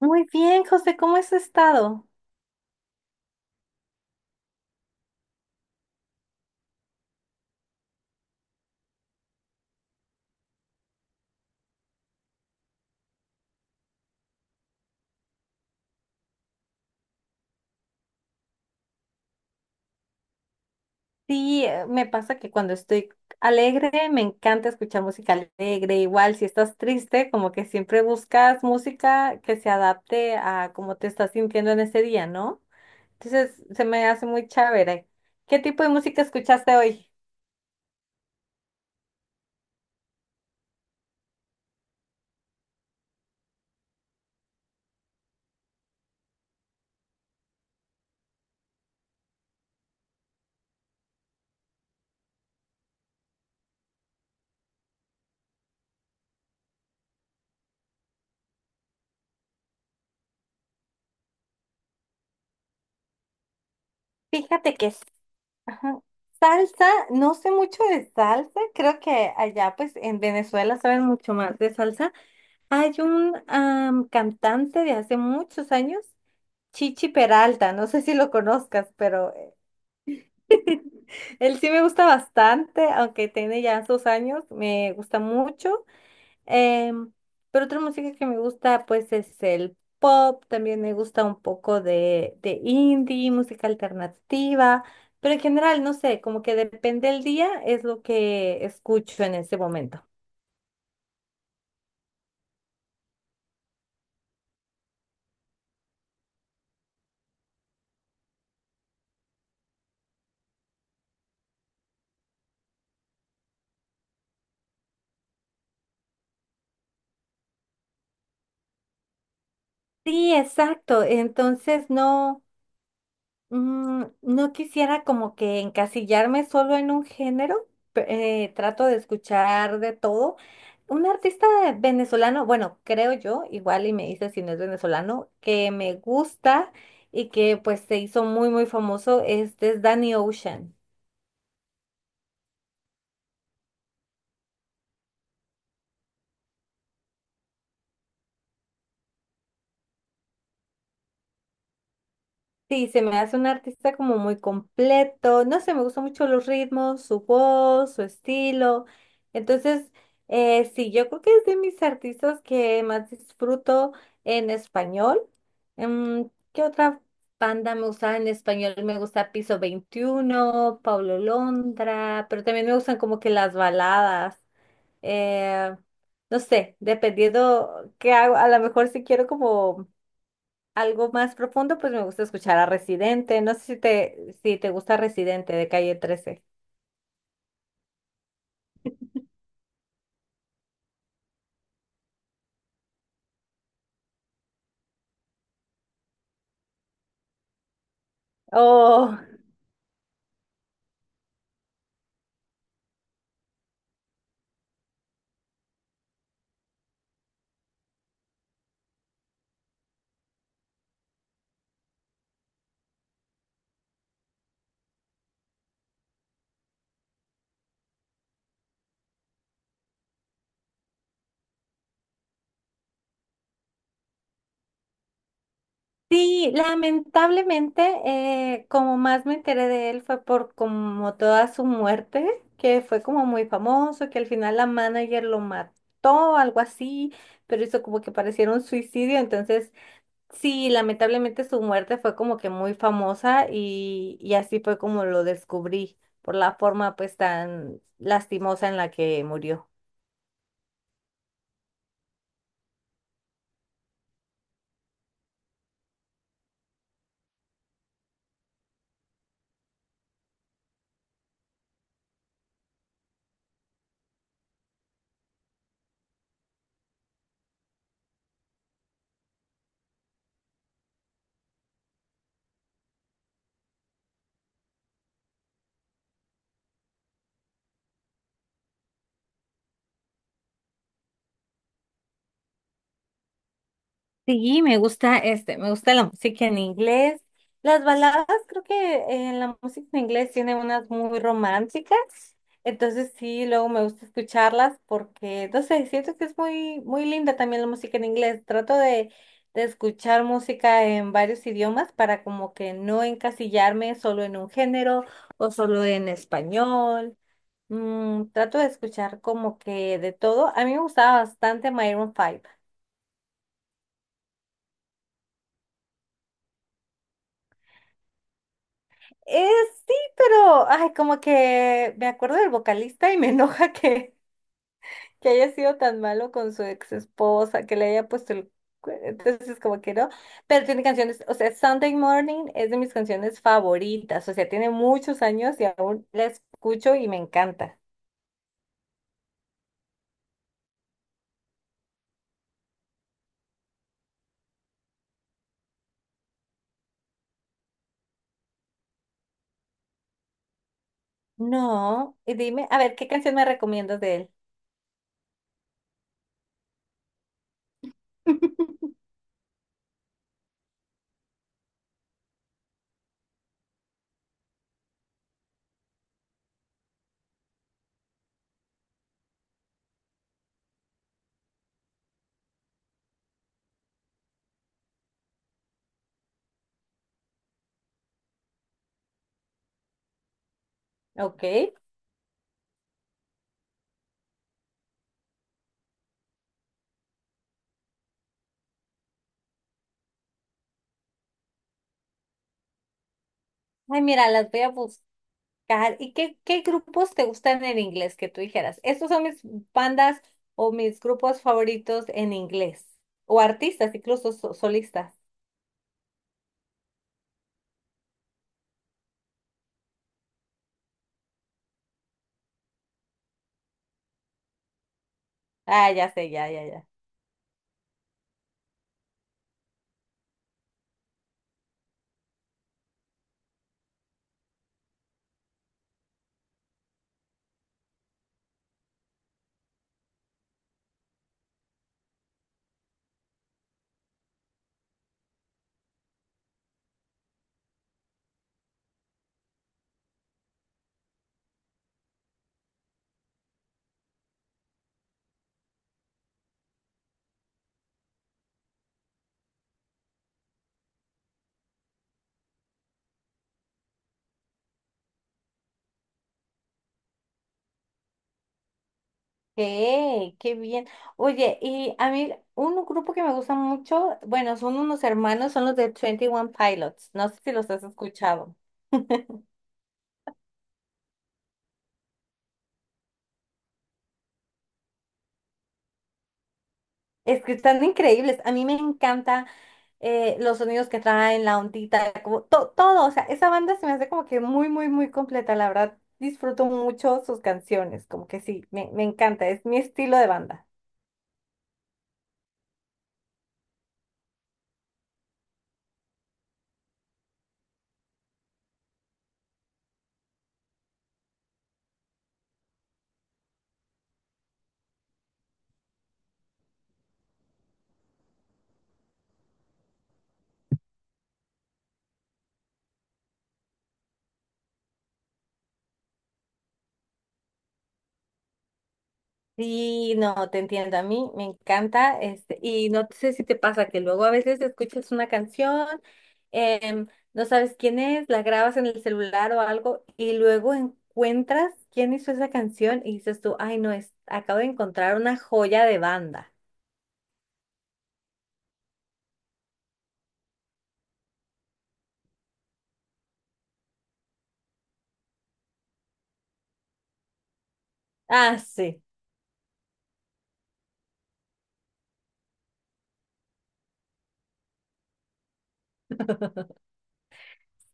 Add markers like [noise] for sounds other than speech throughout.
Muy bien, José, ¿cómo has estado? Sí, me pasa que cuando estoy alegre me encanta escuchar música alegre. Igual, si estás triste, como que siempre buscas música que se adapte a cómo te estás sintiendo en ese día, ¿no? Entonces, se me hace muy chévere. ¿Qué tipo de música escuchaste hoy? Fíjate que es ajá, salsa, no sé mucho de salsa, creo que allá pues en Venezuela saben mucho más de salsa. Hay un cantante de hace muchos años Chichi Peralta, no sé si lo conozcas, pero [laughs] él sí me gusta bastante, aunque tiene ya sus años, me gusta mucho. Em, pero otra música que me gusta, pues, es el pop, también me gusta un poco de indie, música alternativa, pero en general, no sé, como que depende del día, es lo que escucho en ese momento. Sí, exacto. Entonces no, no quisiera como que encasillarme solo en un género, trato de escuchar de todo. Un artista venezolano, bueno, creo yo, igual y me dice si no es venezolano, que me gusta y que pues se hizo muy famoso, este es Danny Ocean. Sí, se me hace un artista como muy completo. No sé, me gustan mucho los ritmos, su voz, su estilo. Entonces, sí, yo creo que es de mis artistas que más disfruto en español. Mm, ¿Qué otra banda me gusta en español? Me gusta Piso Veintiuno, Pablo Londra, pero también me gustan como que las baladas. Eh, no sé, dependiendo qué hago, a lo mejor si quiero como algo más profundo, pues me gusta escuchar a Residente. No sé si te, si te gusta Residente de Calle 13. Oh, sí, lamentablemente, como más me enteré de él fue por como toda su muerte, que fue como muy famoso, que al final la manager lo mató, algo así, pero hizo como que pareciera un suicidio, entonces. Sí, lamentablemente su muerte fue como que muy famosa y así fue como lo descubrí, por la forma pues tan lastimosa en la que murió. Sí, me gusta este, me gusta la música en inglés. Las baladas, creo que la música en inglés tiene unas muy románticas. Entonces sí, luego me gusta escucharlas porque, no sé, siento que es muy, muy linda también la música en inglés. Trato de escuchar música en varios idiomas para como que no encasillarme solo en un género o solo en español. Trato de escuchar como que de todo. A mí me gustaba bastante Maroon 5. Eh, sí, pero, ay, como que me acuerdo del vocalista y me [laughs] enoja que haya sido tan malo con su ex esposa, que le haya puesto el... Entonces, como que no, pero tiene canciones, o sea, Sunday Morning es de mis canciones favoritas, o sea, tiene muchos años y aún la escucho y me encanta. No, y dime, a ver, ¿qué canción me recomiendas de él? Ok. Ay, mira, las voy a buscar. ¿Y qué, qué grupos te gustan en inglés que tú dijeras? Estos son mis bandas o mis grupos favoritos en inglés. O artistas, incluso solistas. Ah, ya sé, ya, ya, ya. ¡Qué, qué bien! Oye, y a mí un grupo que me gusta mucho, bueno, son unos hermanos, son los de Twenty One Pilots. No sé si los has escuchado. Es que están increíbles. A mí me encanta los sonidos que traen, la ondita, como todo. O sea, esa banda se me hace como que muy, muy, muy completa. La verdad, disfruto mucho sus canciones. Como que sí, me encanta. Es mi estilo de banda. Sí, no, te entiendo. A mí me encanta, este, y no sé si te pasa que luego a veces escuchas una canción, em, no sabes quién es, la grabas en el celular o algo, y luego encuentras quién hizo esa canción y dices tú, ay, no, es, acabo de encontrar una joya de banda. Ah, sí,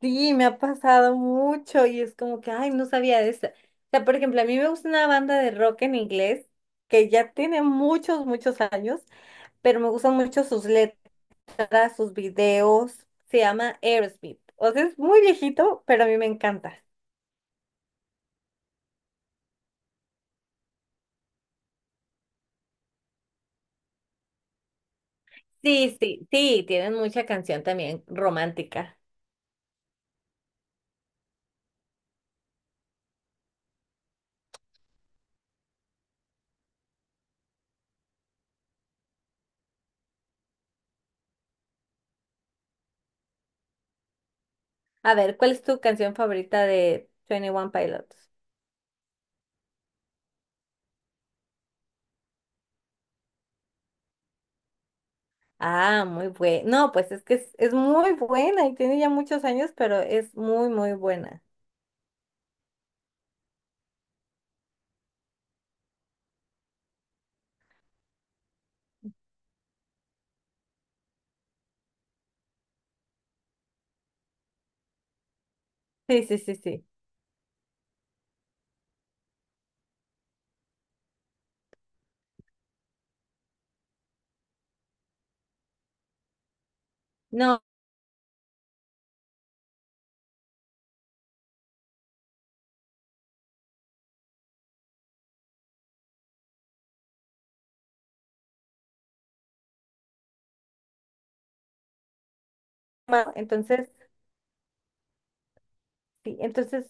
sí, me ha pasado mucho y es como que, ay, no sabía de esa. O sea, por ejemplo, a mí me gusta una banda de rock en inglés que ya tiene muchos, muchos años, pero me gustan mucho sus letras. Para sus videos. Se llama Aerosmith. O sea, es muy viejito, pero a mí me encanta. Sí, sí, sí, tienen mucha canción también romántica. A ver, ¿cuál es tu canción favorita de twenty One Pilots? Ah, muy buena. No, pues es que es muy buena y tiene ya muchos años, pero es muy, muy buena. Sí, sí, sí, sí. No, entonces, sí, entonces,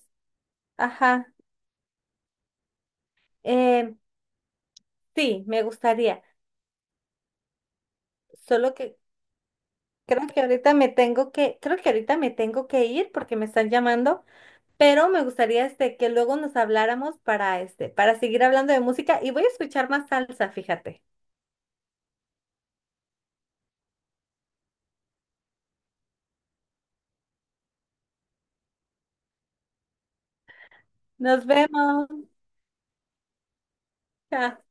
ajá. eh, sí, me gustaría. Solo que creo que ahorita me tengo que, creo que ahorita me tengo que ir porque me están llamando, pero me gustaría este que luego nos habláramos para este, para seguir hablando de música y voy a escuchar más salsa, fíjate. Nos vemos. Chao.